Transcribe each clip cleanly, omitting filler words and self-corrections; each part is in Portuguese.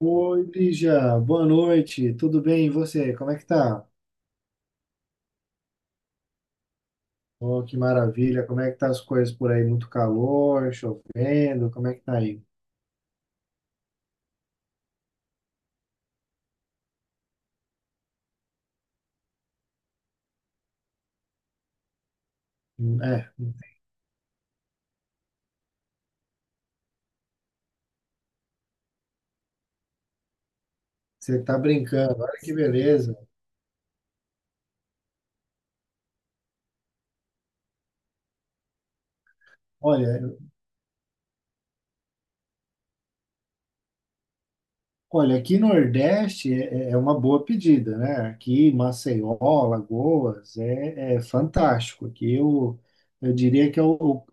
Oi, Lígia, boa noite, tudo bem? E você, como é que tá? Oh, que maravilha, como é que tá as coisas por aí? Muito calor, chovendo, como é que tá aí? É, você tá brincando, olha que beleza. Olha, olha, aqui no Nordeste é uma boa pedida, né? Aqui, Maceió, Lagoas, é fantástico. Aqui eu diria que é o,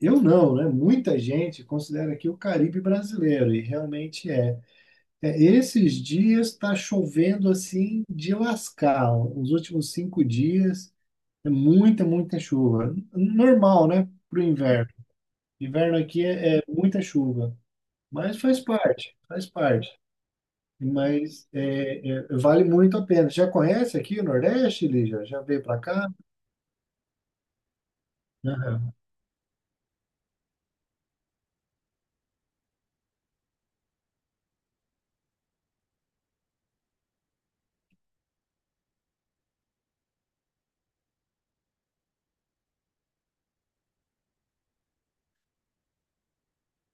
eu não, né? Muita gente considera aqui o Caribe brasileiro, e realmente é. É, esses dias está chovendo assim de lascar. Os últimos 5 dias é muita, muita chuva. Normal, né? Para o inverno. Inverno aqui é muita chuva, mas faz parte, faz parte. Mas vale muito a pena. Já conhece aqui o Nordeste, Lígia? Já veio para cá? Aham.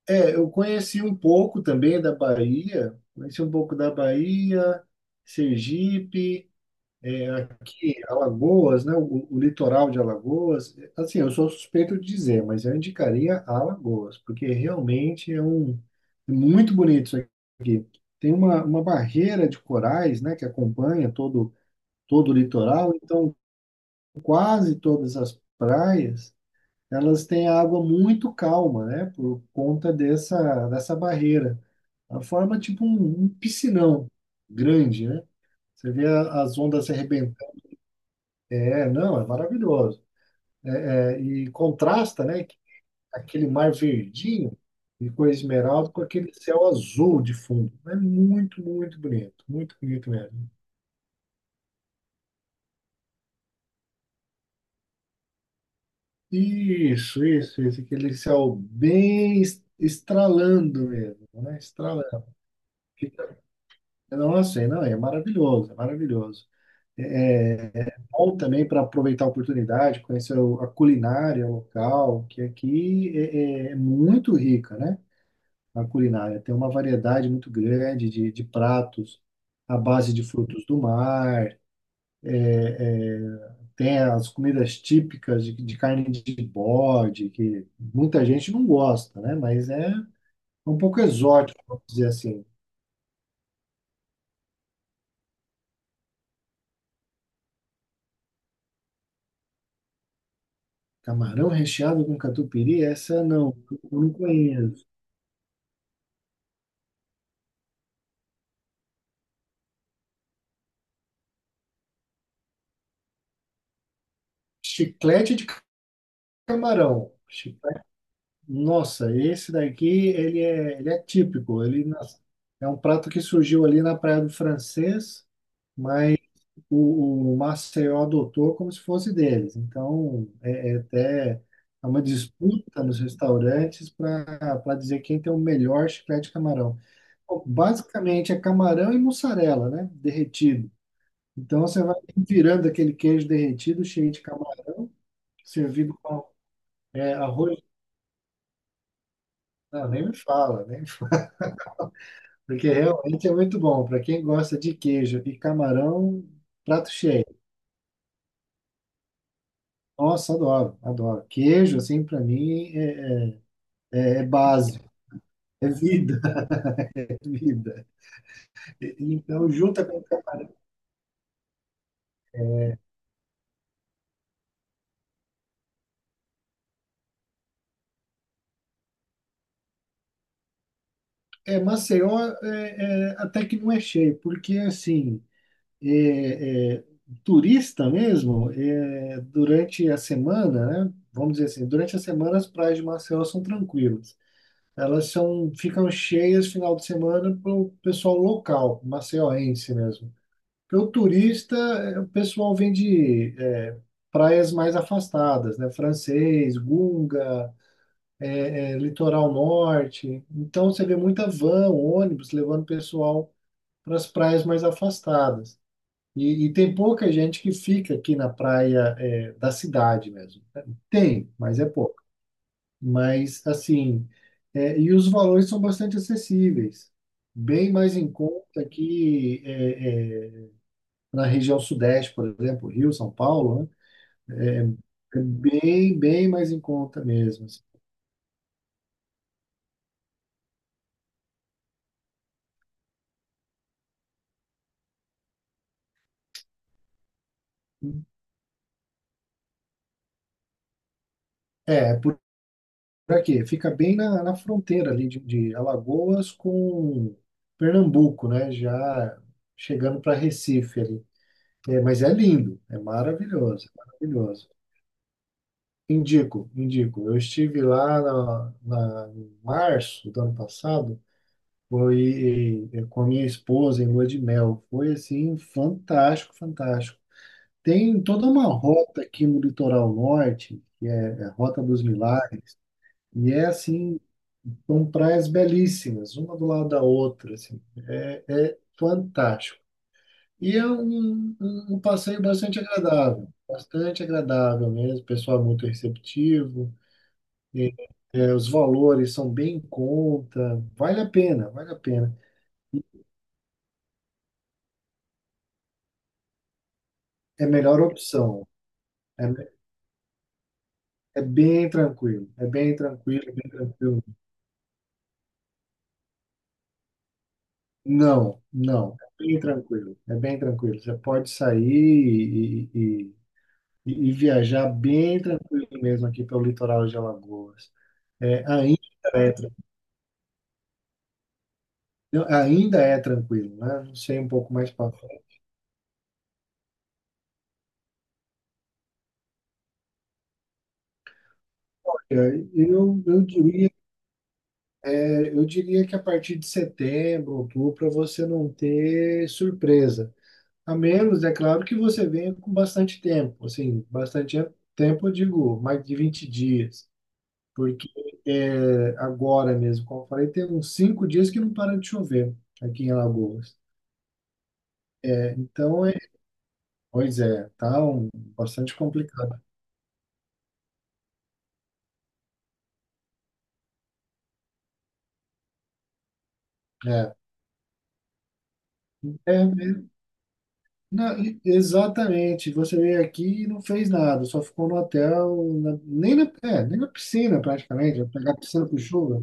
É, eu conheci um pouco também da Bahia. Conheci um pouco da Bahia, Sergipe. E Alagoas, né? O litoral de Alagoas, assim, eu sou suspeito de dizer, mas eu indicaria Alagoas, porque realmente é muito bonito isso aqui. Tem uma barreira de corais, né, que acompanha todo o litoral, então quase todas as praias, elas têm água muito calma, né, por conta dessa barreira. Ela forma tipo um piscinão grande, né? Você vê as ondas se arrebentando. É, não, é maravilhoso. E contrasta, né, aquele mar verdinho de cor esmeralda com aquele céu azul de fundo. É muito, muito bonito mesmo. Isso, aquele céu bem estralando mesmo, né? Estralando. Fica- Nossa, não, é maravilhoso, é maravilhoso. É bom também para aproveitar a oportunidade, conhecer a culinária local, que aqui é muito rica, né? A culinária. Tem uma variedade muito grande de pratos à base de frutos do mar, é, tem as comidas típicas de carne de bode, que muita gente não gosta, né? Mas é um pouco exótico, vamos dizer assim. Camarão recheado com catupiry, essa não, eu não conheço. Chiclete de camarão. Nossa, esse daqui ele é típico. É um prato que surgiu ali na Praia do Francês, mas o Maceió adotou como se fosse deles. Então, até é uma disputa nos restaurantes para dizer quem tem o melhor chiclete de camarão. Bom, basicamente é camarão e mussarela, né? Derretido. Então você vai virando aquele queijo derretido cheio de camarão, servido com arroz. Não, nem me fala, nem me fala. Porque realmente é muito bom. Para quem gosta de queijo e camarão, prato cheio. Nossa, adoro, adoro. Queijo, assim, para mim, é básico. É vida, é vida. Então, junta com. É, Maceió até que não é cheio, porque, assim, é, é, turista mesmo, durante a semana, né? Vamos dizer assim, durante a semana as praias de Maceió são tranquilas. Elas ficam cheias final de semana para o pessoal local, maceioense mesmo. Porque o turista, o pessoal vem de praias mais afastadas, né? Francês, Gunga. Litoral norte. Então você vê muita van, ônibus levando pessoal para as praias mais afastadas. E tem pouca gente que fica aqui na praia da cidade mesmo, né? Tem, mas é pouco. Mas assim, e os valores são bastante acessíveis, bem mais em conta que na região sudeste, por exemplo, Rio, São Paulo, né? É, bem, bem mais em conta mesmo, assim. É, por. Pra quê? Fica bem na fronteira ali de Alagoas com Pernambuco, né? Já chegando para Recife ali. É, mas é lindo, é maravilhoso, é maravilhoso. Indico, indico. Eu estive lá em março do ano passado, foi com a minha esposa em lua de mel. Foi assim, fantástico, fantástico. Tem toda uma rota aqui no litoral norte, que é a Rota dos Milagres. E é assim, são praias belíssimas, uma do lado da outra, assim, é fantástico. E é um passeio bastante agradável mesmo, o pessoal é muito receptivo, os valores são bem em conta, vale a pena, vale a pena. É a melhor opção, é, bem tranquilo, é bem tranquilo, é bem tranquilo. Não, não, é bem tranquilo, é bem tranquilo. Você pode sair e viajar bem tranquilo mesmo aqui pelo litoral de Alagoas. É, é, tra- ainda é tranquilo, né? Não sei um pouco mais para frente. Olha, Eu diria que a partir de setembro, outubro, para você não ter surpresa. A menos, é claro, que você venha com bastante tempo, assim, bastante tempo, eu digo, mais de 20 dias, porque agora mesmo, como eu falei, tem uns 5 dias que não para de chover aqui em Alagoas, né? Então, pois é, tá bastante complicado. É, mesmo. Não, exatamente. Você veio aqui e não fez nada, só ficou no hotel, nem na piscina praticamente, pegar piscina com chuva.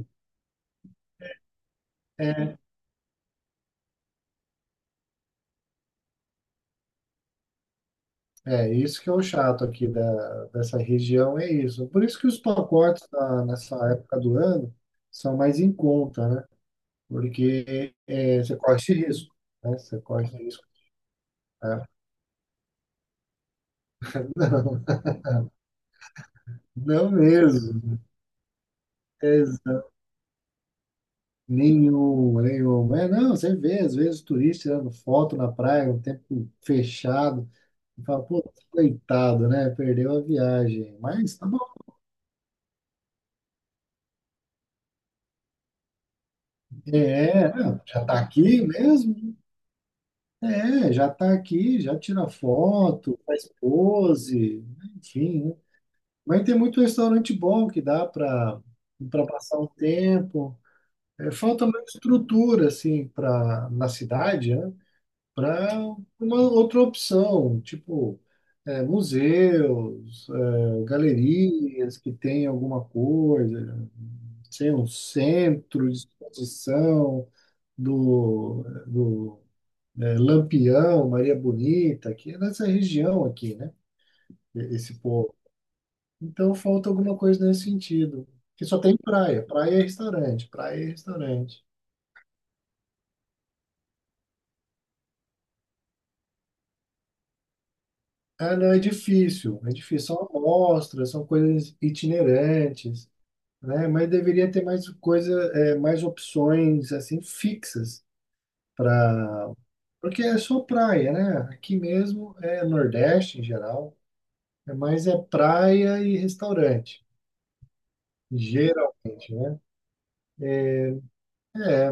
É, isso que é o chato aqui dessa região, é isso. Por isso que os pacotes nessa época do ano são mais em conta, né? Porque você corre esse risco, né? Você corre esse risco, né? Não, não mesmo. é Nenhum, nenhum. É, não, você vê, às vezes, turista tirando foto na praia, um tempo fechado, e fala, pô, coitado, né? Perdeu a viagem. Mas tá bom. É, não, já tá aqui mesmo? É, já tá aqui, já tira foto, faz pose, enfim, né? Mas tem muito restaurante bom que dá para passar um tempo. É, falta mais estrutura, assim, na cidade, né? Para uma outra opção, tipo museus, galerias que tem alguma coisa, sei, um centro de exposição do Lampião, Maria Bonita, que é nessa região aqui, né? Esse povo. Então falta alguma coisa nesse sentido. Que só tem praia, praia e restaurante, praia e restaurante. Ah, não, é difícil, é difícil. São amostras, são coisas itinerantes, né? Mas deveria ter mais coisa, mais opções assim fixas para, porque é só praia, né? Aqui mesmo é Nordeste em geral, é mais praia e restaurante, geralmente, né? É,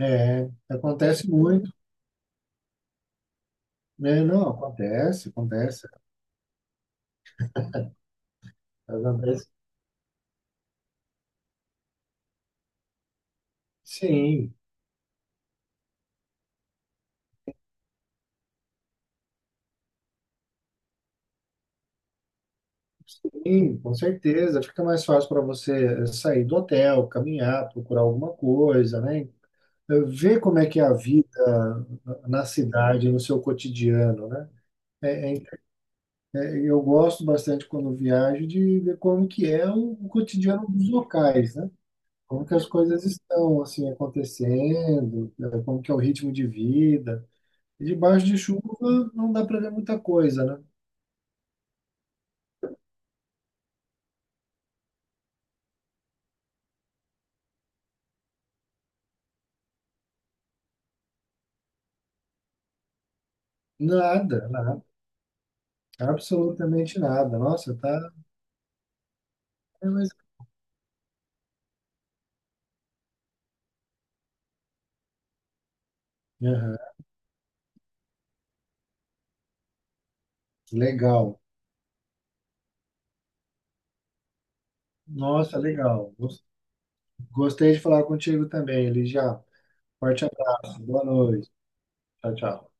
acontece muito, né? Não, acontece, acontece, acontece. Sim, sim, com certeza. Fica mais fácil para você sair do hotel, caminhar, procurar alguma coisa, né? Ver como é que é a vida na cidade, no seu cotidiano, né? É, é, eu gosto bastante quando viajo de ver como que é o cotidiano dos locais, né? Como que as coisas estão assim acontecendo, né? Como que é o ritmo de vida. E debaixo de chuva não dá para ver muita coisa, né? Nada, nada, absolutamente nada. Nossa, tá, é, mas- Aham, Legal. Nossa, legal. Gostei de falar contigo também, Eli, já. Forte abraço, boa noite. Tchau, tchau.